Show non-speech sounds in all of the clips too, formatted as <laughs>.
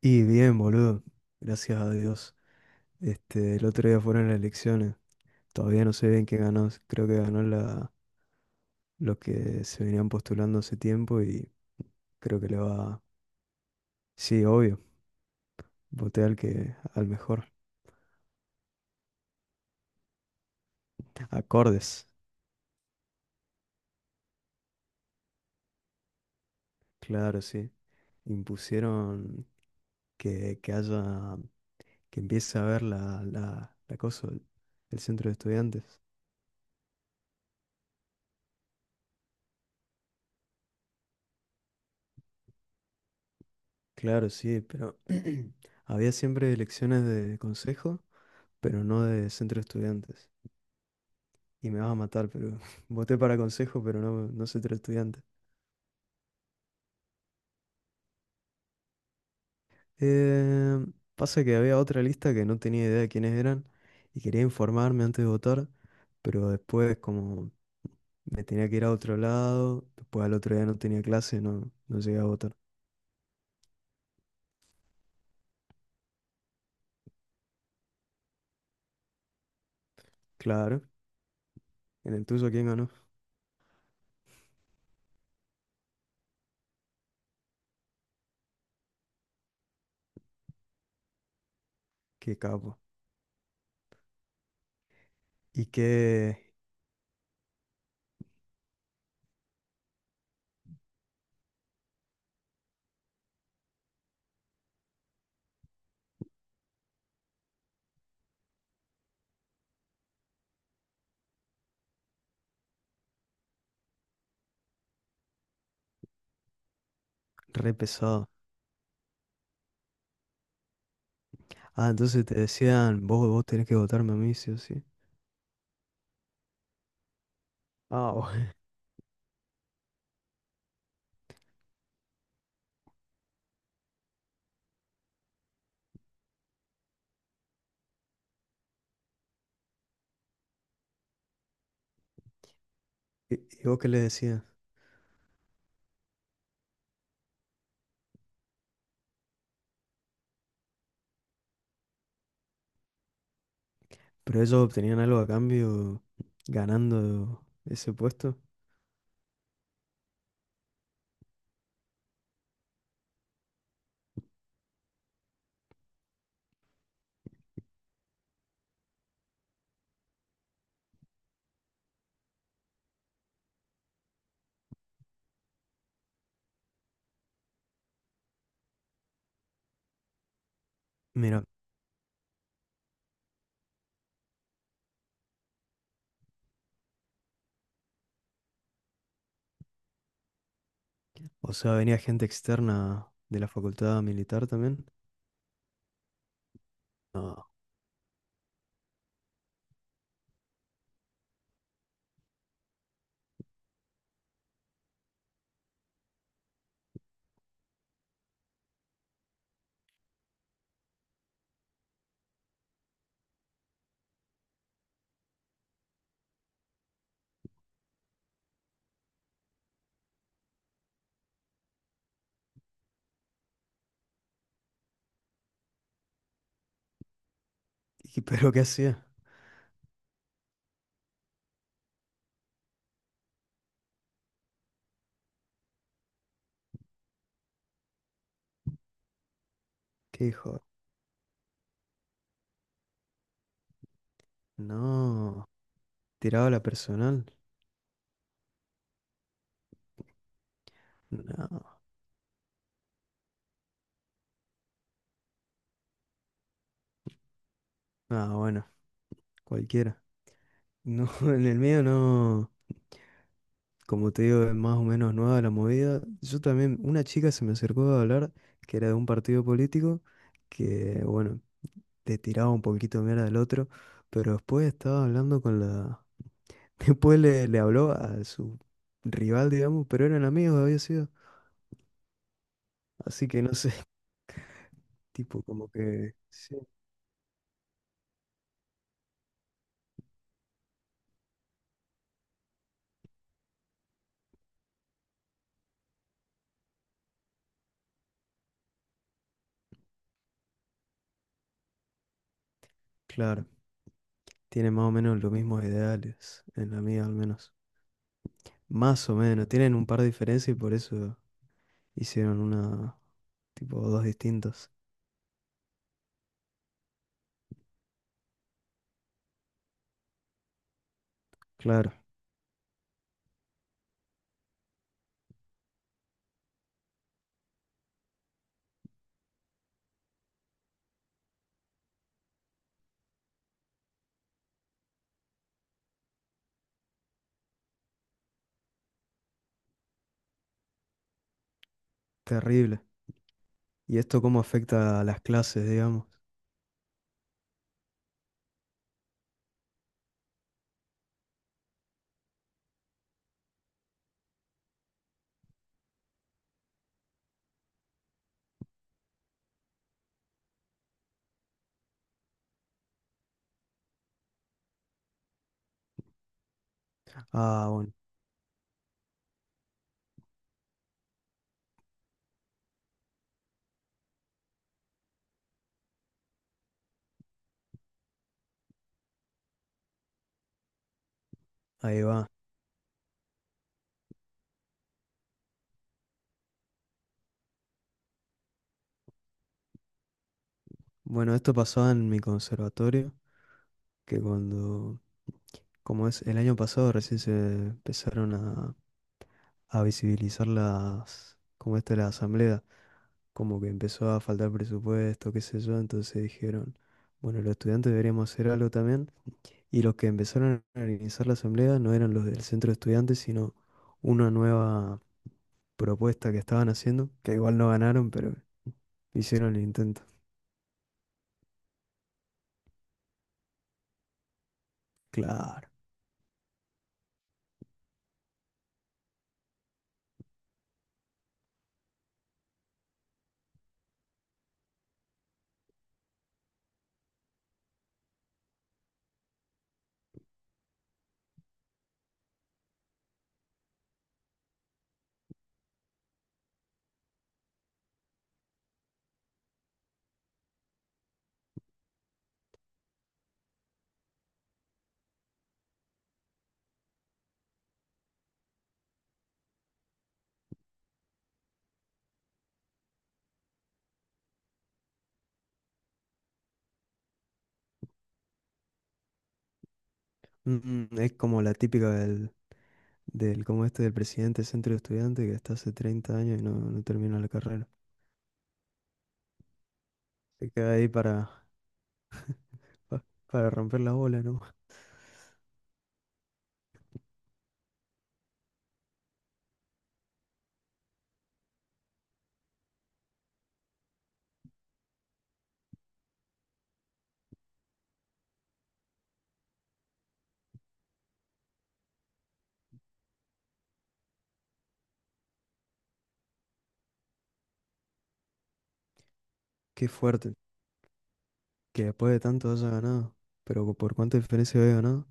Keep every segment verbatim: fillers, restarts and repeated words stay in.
Y bien, boludo. Gracias a Dios. Este, el otro día fueron las elecciones. Todavía no sé bien quién ganó. Creo que ganó la, los que se venían postulando hace tiempo y creo que le va. Sí, obvio. Voté al que, al mejor. Acordes. Claro, sí. Impusieron que, que haya, que empiece a haber la, la, la cosa, el, el centro de estudiantes. Claro, sí, pero <clears throat> había siempre elecciones de consejo, pero no de centro de estudiantes. Y me vas a matar, pero <laughs> voté para consejo, pero no, no soy tu estudiante. Eh, pasa que había otra lista que no tenía idea de quiénes eran y quería informarme antes de votar, pero después como me tenía que ir a otro lado, después al otro día no tenía clase, no, no llegué a votar. Claro, en el tuyo quién ganó, qué capo. Y qué re pesado. Ah, entonces te decían, vos, vos tenés que votarme a mí, sí o sí. Ah, <laughs> ¿Y y vos qué le decías? Pero ellos obtenían algo a cambio ganando ese puesto. Mira, o sea, venía gente externa de la facultad militar también. No. ¿Y pero qué hacía? ¿Qué dijo? No. ¿Tiraba la personal? No. Ah, bueno, cualquiera. No, <laughs> en el mío no. Como te digo, es más o menos nueva la movida. Yo también, una chica se me acercó a hablar que era de un partido político que, bueno, te tiraba un poquito de mierda al otro, pero después estaba hablando con la. Después le, le habló a su rival, digamos, pero eran amigos, había sido. Así que no sé, <laughs> tipo, como que... Sí, claro, tienen más o menos los mismos ideales, en la mía al menos. Más o menos, tienen un par de diferencias y por eso hicieron una, tipo, dos distintas. Claro, terrible. ¿Y esto cómo afecta a las clases, digamos? Ah, bueno, ahí va. Bueno, esto pasaba en mi conservatorio, que cuando, como es, el año pasado recién se empezaron a a visibilizar las, como esta la asamblea, como que empezó a faltar presupuesto, qué sé yo, entonces dijeron, bueno, los estudiantes deberíamos hacer algo también, y los que empezaron a organizar la asamblea no eran los del centro de estudiantes, sino una nueva propuesta que estaban haciendo, que igual no ganaron, pero hicieron el intento. Claro. Mm, mm, es como la típica del, del, como este del presidente del centro de estudiantes que está hace treinta años y no, no termina la carrera. Se queda ahí para, pa- para romper la bola, ¿no? Qué fuerte, que después de tanto haya ganado. Pero ¿por cuánta diferencia había ganado?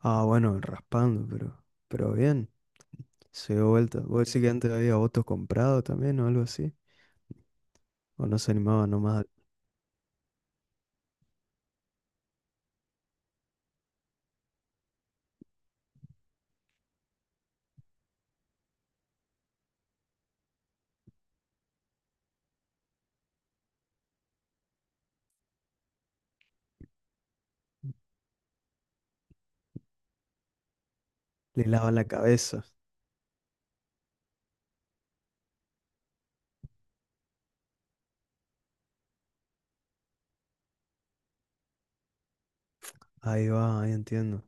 Ah, bueno, raspando, pero, pero bien, se dio vuelta. ¿Vos decís que antes había votos comprados también o algo así? ¿O no se animaba nomás? Le lavan la cabeza. Ahí va, ahí entiendo.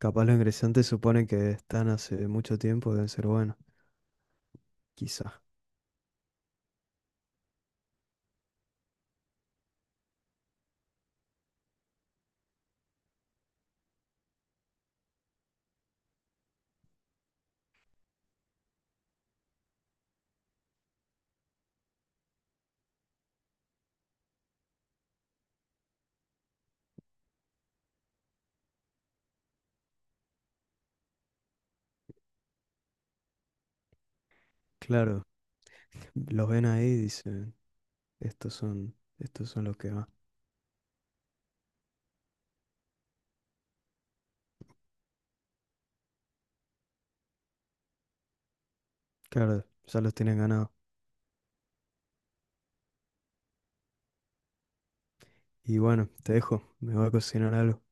Capaz los ingresantes suponen que están hace mucho tiempo, deben ser buenos. Quizás, claro. Los ven ahí y dicen, estos son, estos son los que van. Claro, ya los tienen ganado. Y bueno, te dejo, me voy a cocinar algo.